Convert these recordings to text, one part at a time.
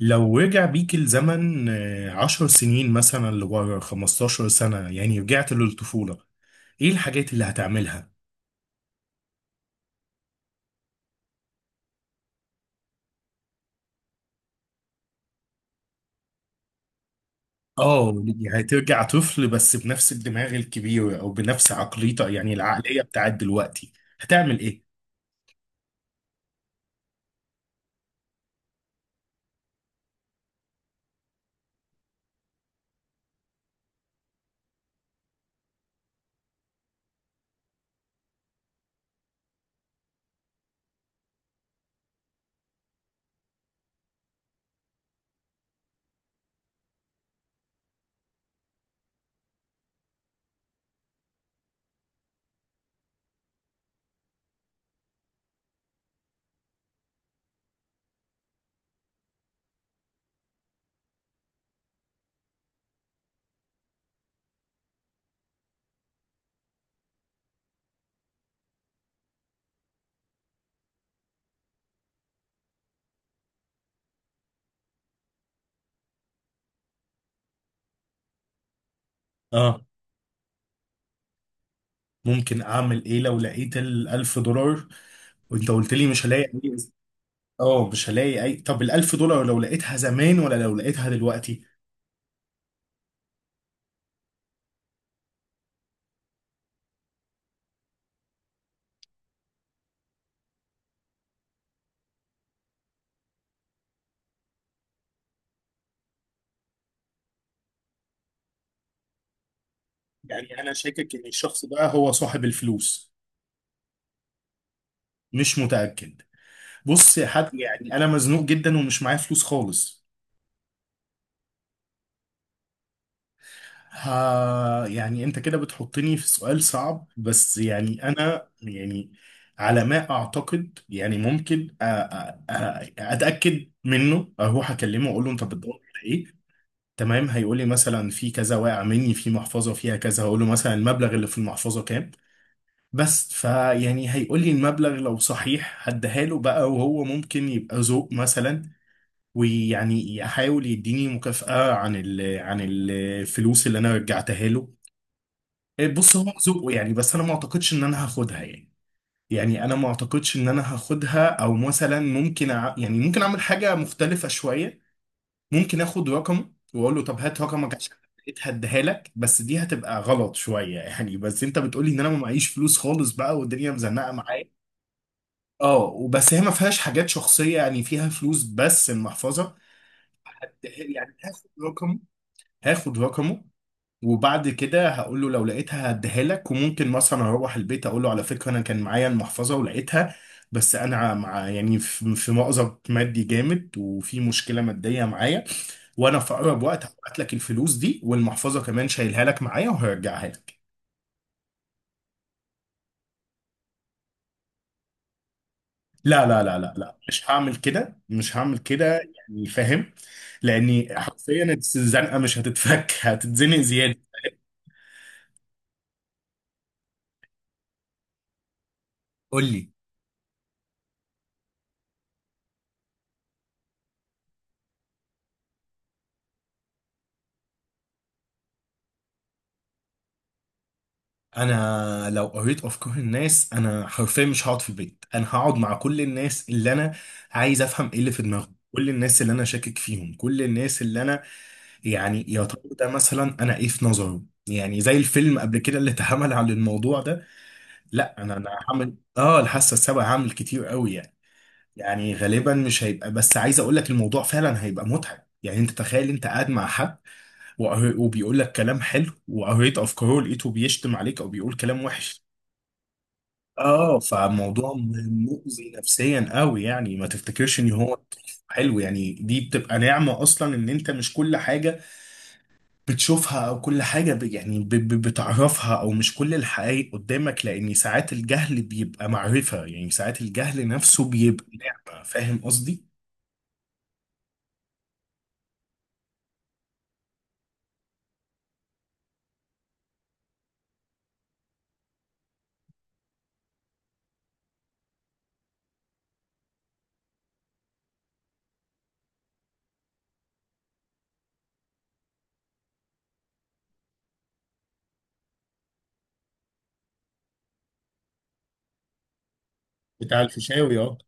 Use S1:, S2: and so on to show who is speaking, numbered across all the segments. S1: لو رجع بيك الزمن 10 سنين مثلا لورا 15 سنة، يعني رجعت للطفولة. ايه الحاجات اللي هتعملها؟ اه يعني هترجع طفل بس بنفس الدماغ الكبير او بنفس عقليته، يعني العقلية بتاعت دلوقتي. هتعمل ايه؟ اه، ممكن اعمل ايه لو لقيت الالف دولار، وانت قلت لي مش هلاقي اي. اه مش هلاقي اي. طب الالف دولار لو لقيتها زمان ولا لو لقيتها دلوقتي؟ يعني انا شاكك ان الشخص ده هو صاحب الفلوس. مش متأكد. بص يا حاج، يعني انا مزنوق جدا ومش معايا فلوس خالص. ها يعني انت كده بتحطني في سؤال صعب، بس يعني انا يعني على ما اعتقد يعني ممكن اتاكد منه، اروح اكلمه واقول له انت بتدور على ايه. تمام، هيقول لي مثلا في كذا واقع مني في محفظه فيها كذا، هقول له مثلا المبلغ اللي في المحفظه كام. بس فيعني هيقول لي المبلغ، لو صحيح هديها له بقى، وهو ممكن يبقى ذوق مثلا ويعني احاول يديني مكافأة عن عن الفلوس اللي انا رجعتها له. إيه، بص هو ذوقه يعني، بس انا ما اعتقدش ان انا هاخدها يعني. يعني انا ما اعتقدش ان انا هاخدها، او مثلا ممكن يعني ممكن اعمل حاجة مختلفة شوية. ممكن اخد رقم واقول له طب هات رقمك عشان لقيت هديها لك، بس دي هتبقى غلط شوية يعني، بس انت بتقولي ان انا ما معيش فلوس خالص بقى، والدنيا مزنقة معايا. اه وبس هي ما فيهاش حاجات شخصية يعني، فيها فلوس بس المحفظة. يعني هاخد رقم، هاخد رقمه، وبعد كده هقول له لو لقيتها هديها لك، وممكن مثلا اروح البيت اقول له على فكره انا كان معايا المحفظه ولقيتها، بس انا مع يعني في مأزق مادي جامد وفي مشكله ماديه معايا، وانا في اقرب وقت هبعت لك الفلوس دي، والمحفظه كمان شايلها لك معايا وهرجعها لك. لا لا لا لا لا، مش هعمل كده، مش هعمل كده. يعني فاهم، لاني حرفيا الزنقه مش هتتفك، هتتزنق زياده. قول لي. انا لو قريت افكار الناس انا حرفيا مش هقعد في البيت، انا هقعد مع كل الناس اللي انا عايز افهم ايه اللي في دماغهم، كل الناس اللي انا شاكك فيهم، كل الناس اللي انا يعني يا ترى ده مثلا، انا ايه في نظره، يعني زي الفيلم قبل كده اللي اتعمل على الموضوع ده. لا انا هعمل الحاسه السابعه، هعمل كتير قوي يعني. يعني غالبا مش هيبقى، بس عايز اقول لك الموضوع فعلا هيبقى متعب، يعني انت تخيل انت قاعد مع حد وبيقول لك كلام حلو، وقريت افكاره لقيته بيشتم عليك او بيقول كلام وحش. اه، فموضوع مؤذي نفسيا قوي يعني، ما تفتكرش ان هو حلو. يعني دي بتبقى نعمة اصلا، ان انت مش كل حاجة بتشوفها، او كل حاجة بتعرفها، او مش كل الحقائق قدامك، لان ساعات الجهل بيبقى معرفة، يعني ساعات الجهل نفسه بيبقى نعمة. فاهم قصدي؟ بتاع الفيشاوي، اه.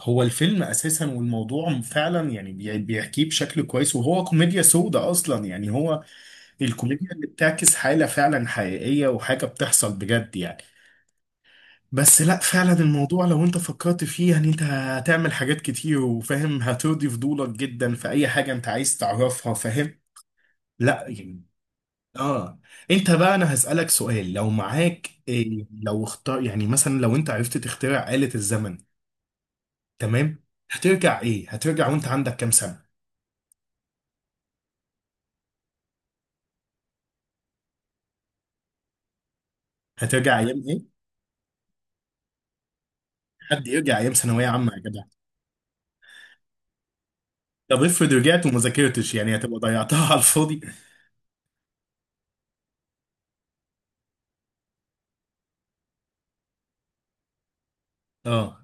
S1: هو الفيلم اساسا والموضوع فعلا يعني بيحكيه بشكل كويس، وهو كوميديا سودة اصلا يعني، هو الكوميديا اللي بتعكس حالة فعلا حقيقية، وحاجة بتحصل بجد يعني. بس لا، فعلا الموضوع لو انت فكرت فيه يعني انت هتعمل حاجات كتير، وفاهم هترضي فضولك جدا في اي حاجة انت عايز تعرفها، فاهم. لا يعني. اه. انت بقى انا هسألك سؤال، لو معاك إيه، لو اختار يعني مثلا لو انت عرفت تخترع آلة الزمن. تمام، هترجع ايه، هترجع وانت عندك كام سنة؟ هترجع ايام ايه؟ حد يرجع ايام ثانوية عامة يا جدع. طب افرض رجعت وما ذاكرتش، يعني هتبقى ضيعتها على الفاضي. اه.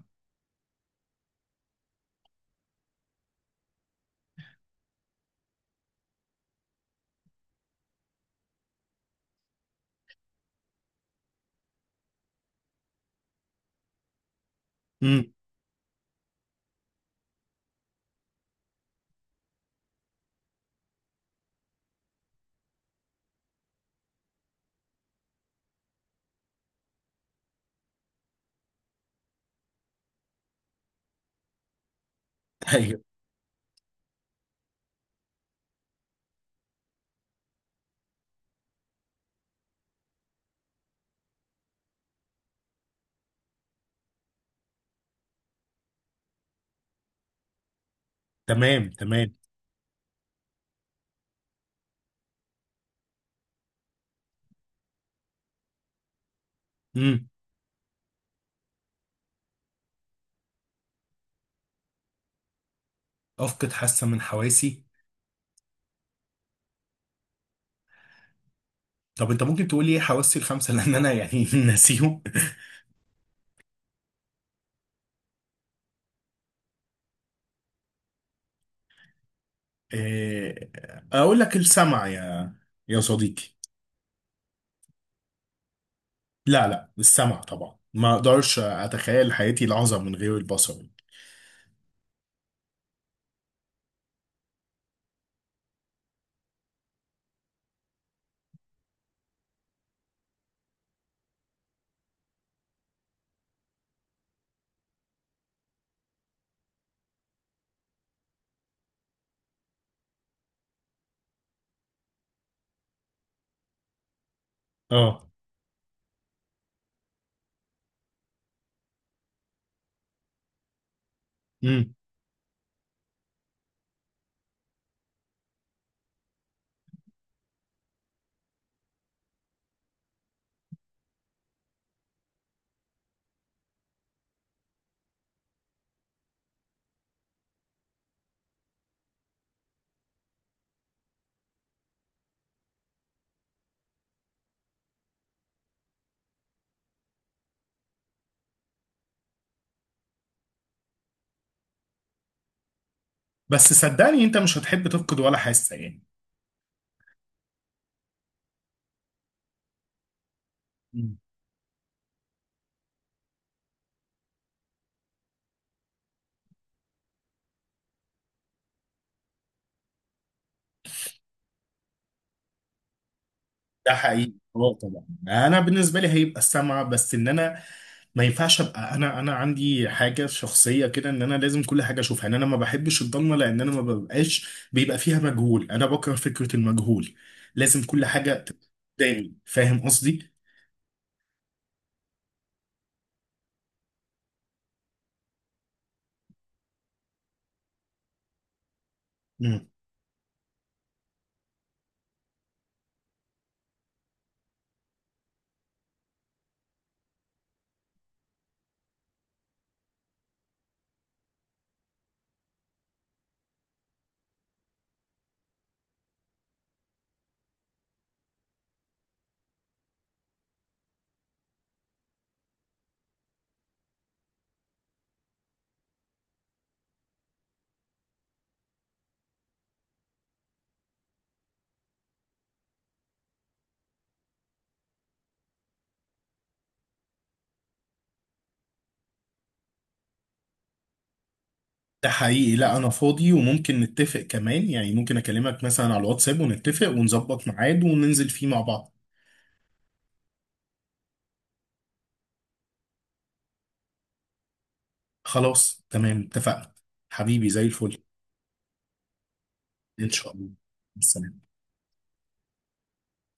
S1: امم. ايوه. تمام تمام. امم. افقد حاسه من حواسي. طب انت ممكن تقول لي ايه حواسي الخمسه لان انا يعني ناسيهم. آه، اقول لك السمع يا صديقي. لا لا، السمع طبعا، ما اقدرش اتخيل حياتي لحظه من غير البصر. اه. مم. بس صدقني انت مش هتحب تفقد ولا حاسه يعني. مم. ده حقيقي، اه طبعا، انا بالنسبه لي هيبقى السمع، بس ان انا ما ينفعش ابقى، انا عندي حاجه شخصيه كده ان انا لازم كل حاجه اشوفها، ان انا ما بحبش الضلمه، لان انا ما ببقاش بيبقى فيها مجهول، انا بكره فكره المجهول. لازم كل حاجه تبقى قدامي، فاهم قصدي؟ مم. ده حقيقي. لا انا فاضي، وممكن نتفق كمان يعني، ممكن اكلمك مثلا على الواتساب ونتفق ونظبط ميعاد وننزل فيه مع بعض. خلاص تمام اتفقنا. حبيبي زي الفل. ان شاء الله. السلام.